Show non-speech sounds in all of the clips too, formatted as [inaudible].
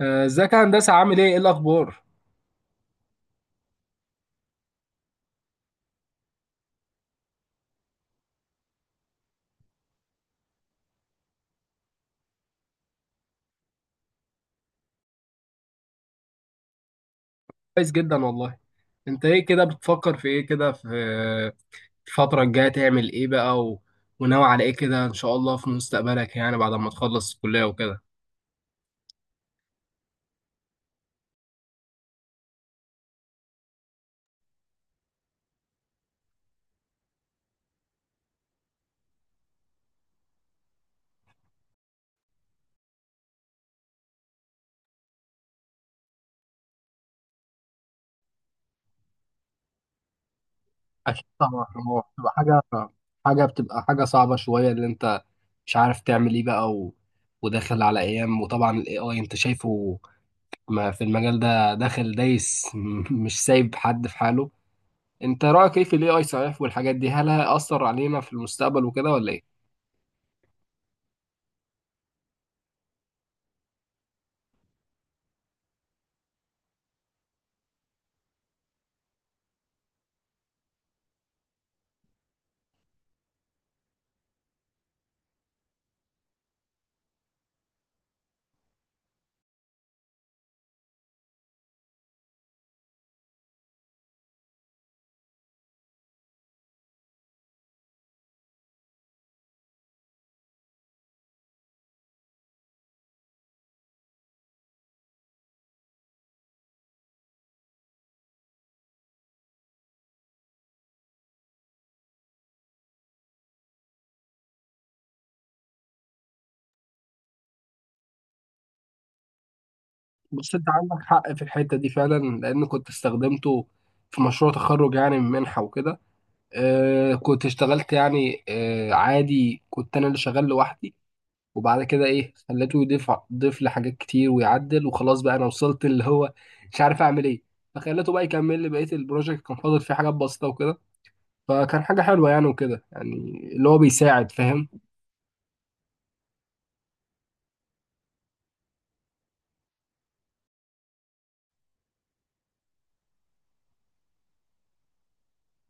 ازيك يا هندسة، عامل ايه؟ ايه الأخبار؟ كويس جدا والله. انت ايه كده بتفكر في ايه كده، في آه، الفترة الجاية تعمل ايه بقى؟ و... وناوي على ايه كده ان شاء الله في مستقبلك، يعني بعد ما تخلص الكلية وكده؟ أكيد طبعا، هو بتبقى حاجة صعبة شوية، اللي أنت مش عارف تعمل إيه بقى، و... وداخل على أيام. وطبعا ال AI أنت شايفه ما في المجال ده، داخل دايس [laughs] مش سايب حد في حاله. أنت رأيك إيه في ال AI صحيح والحاجات دي، هل هيأثر علينا في المستقبل وكده ولا إيه؟ بص، انت عندك حق في الحته دي فعلا، لان كنت استخدمته في مشروع تخرج يعني من منحه وكده. آه، كنت اشتغلت يعني، آه، عادي، كنت انا اللي شغال لوحدي، وبعد كده ايه خليته يضيف، لحاجات كتير ويعدل، وخلاص بقى انا وصلت اللي هو مش عارف اعمل ايه، فخليته بقى يكمل لي بقيه البروجكت، كان فاضل فيه حاجات بسيطه وكده. فكان حاجه حلوه يعني وكده يعني، اللي هو بيساعد، فاهم؟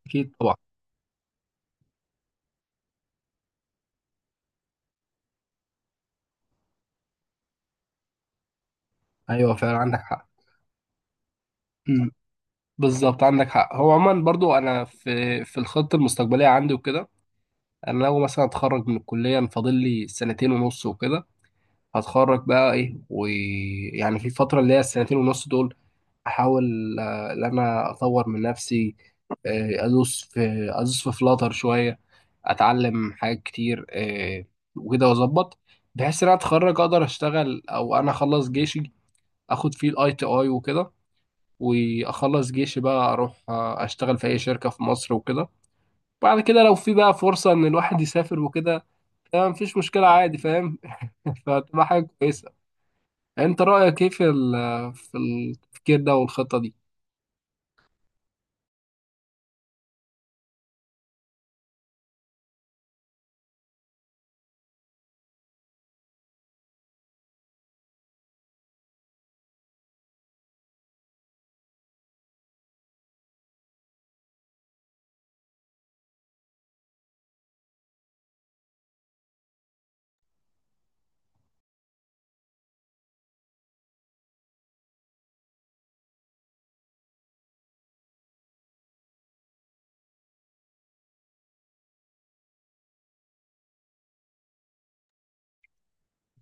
اكيد طبعا. ايوه فعلا عندك حق. مم. بالظبط عندك حق. هو عموما برضو انا في الخطه المستقبليه عندي وكده، انا لو مثلا اتخرج من الكليه، أنا فاضل لي سنتين ونص وكده، هتخرج بقى ايه. ويعني في الفتره اللي هي السنتين ونص دول، احاول، ان انا اطور من نفسي، آه، ادوس في ادوس في فلاتر شويه، اتعلم حاجات كتير، وكده واظبط، بحيث ان انا اتخرج اقدر اشتغل. او انا اخلص جيشي، اخد فيه الاي تي اي وكده، واخلص جيشي بقى اروح، اشتغل في اي شركة في مصر وكده. بعد كده لو في بقى فرصة ان الواحد يسافر وكده، تمام مفيش مشكلة عادي، فاهم؟ [laughs] فتبقى حاجة كويسة. انت رأيك ايه في في التفكير ده والخطة دي؟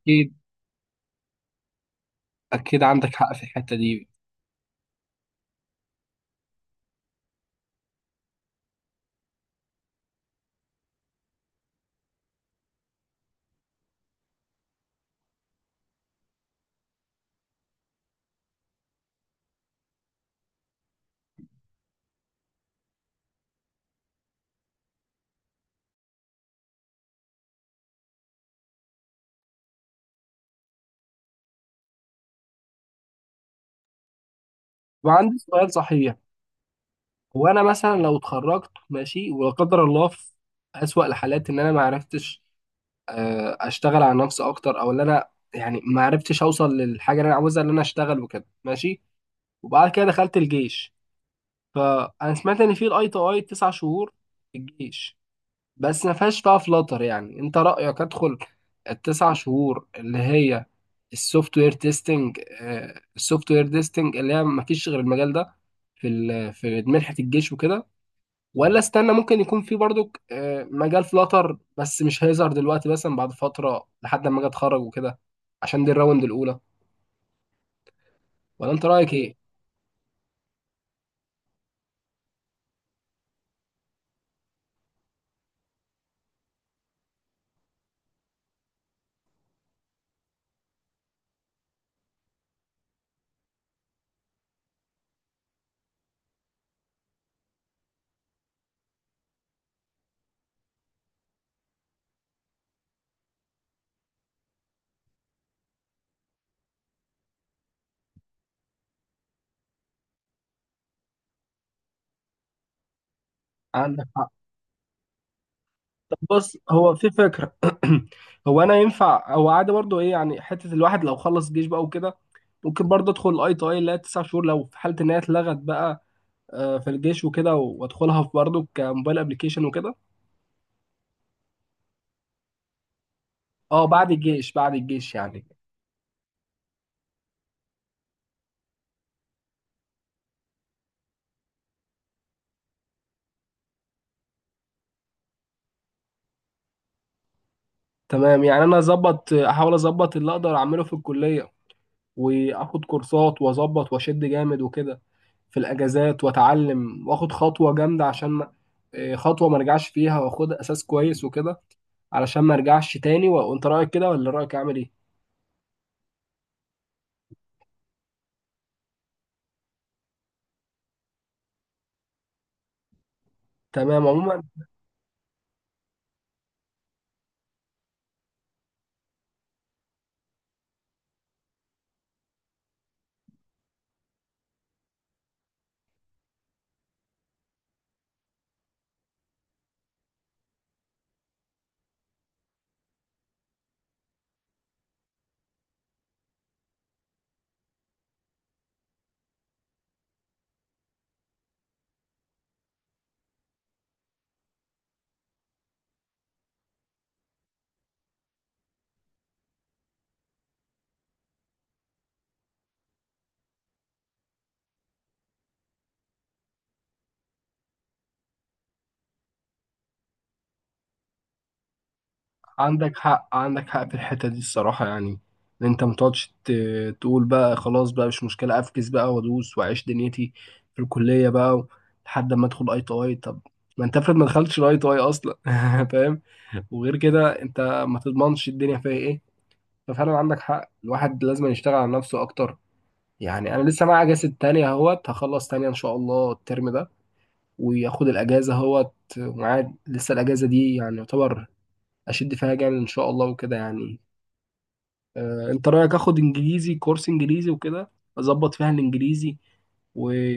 اكيد اكيد عندك حق في الحتة دي. وعندي سؤال صحيح، هو انا مثلا لو اتخرجت ماشي، ولا قدر الله في اسوأ الحالات ان انا ما عرفتش، اشتغل على نفسي اكتر، او ان انا يعني ما عرفتش اوصل للحاجة اللي انا عاوزها، ان انا اشتغل وكده ماشي، وبعد كده دخلت الجيش. فانا سمعت ان في الاي تي اي تسع شهور في الجيش، بس ما فيهاش بقى فلاتر. يعني انت رايك ادخل التسع شهور اللي هي السوفت وير تيستنج؟ السوفت وير تيستنج اللي هي ما فيش غير المجال ده في منحه الجيش وكده، ولا استنى ممكن يكون في برضو، مجال فلاتر، بس مش هيظهر دلوقتي، مثلا بعد فتره لحد ما اجي اتخرج وكده، عشان دي الراوند الاولى؟ ولا انت رايك ايه؟ عندك. بص، هو في فكرة. [clears throat] هو انا ينفع، هو عادي برضو ايه يعني، حتة الواحد لو خلص جيش بقى وكده، ممكن برضه ادخل الاي تي اي اللي هي تسع شهور، لو في حالة ان هي اتلغت بقى، في الجيش وكده، وادخلها في برضه كموبايل ابلكيشن وكده. اه، بعد الجيش يعني. تمام يعني انا اظبط، احاول اظبط اللي اقدر اعمله في الكلية، واخد كورسات واظبط واشد جامد وكده، في الاجازات، واتعلم واخد خطوة جامدة، عشان خطوة ما ارجعش فيها، واخد اساس كويس وكده، علشان ما ارجعش تاني. وانت رايك كده، ولا رايك عامل ايه؟ تمام عموما. عندك حق في الحته دي الصراحه، يعني ان انت ما تقعدش تقول بقى خلاص بقى مش مشكله، افكس بقى وادوس واعيش دنيتي في الكليه بقى لحد ما ادخل اي تي اي. طب ما انت افرض ما دخلتش الاي تي اي اصلا؟ [laughs] فاهم. وغير كده انت ما تضمنش الدنيا فيها ايه. ففعلا عندك حق، الواحد لازم يشتغل على نفسه اكتر. يعني انا لسه معايا اجازه تانية اهوت، هخلص تانية ان شاء الله الترم ده، وياخد الاجازه اهوت، ومعاه لسه الاجازه دي يعني يعتبر اشد فيها جامد ان شاء الله وكده يعني. انت رايك اخد انجليزي، كورس انجليزي وكده، اظبط فيها الانجليزي، و-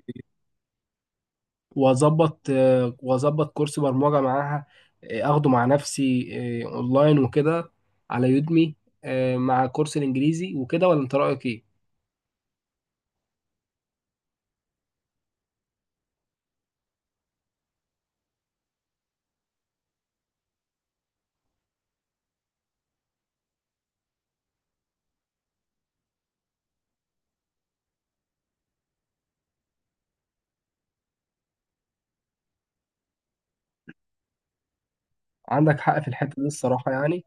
واظبط، واظبط كورس برمجه معاها، اخده مع نفسي، اونلاين وكده، على يودمي، مع كورس الانجليزي وكده؟ ولا انت رايك ايه؟ عندك حق في الحته دي الصراحه يعني.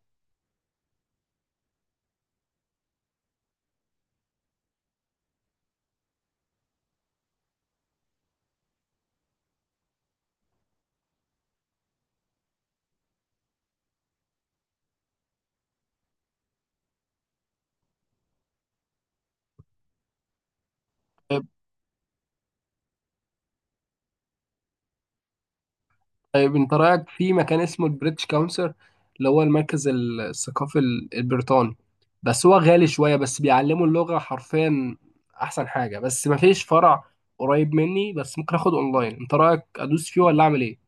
طيب انت رايك في مكان اسمه البريتش كونسل، اللي هو المركز الثقافي البريطاني؟ بس هو غالي شويه، بس بيعلموا اللغه حرفيا احسن حاجه. بس ما فيش فرع قريب مني، بس ممكن اخد اونلاين. انت رايك ادوس فيه ولا اعمل ايه؟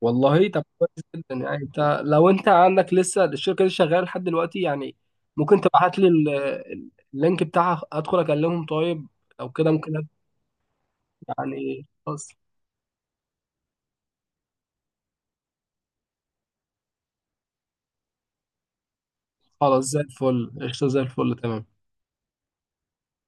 والله طب كويس جدا يعني. انت لو انت عندك لسه الشركه دي شغاله لحد دلوقتي يعني، ممكن تبعت لي اللينك بتاعها، ادخل اكلمهم؟ طيب او كده ممكن يعني خلاص. خلاص زي الفل، قشطه، زي الفل، تمام.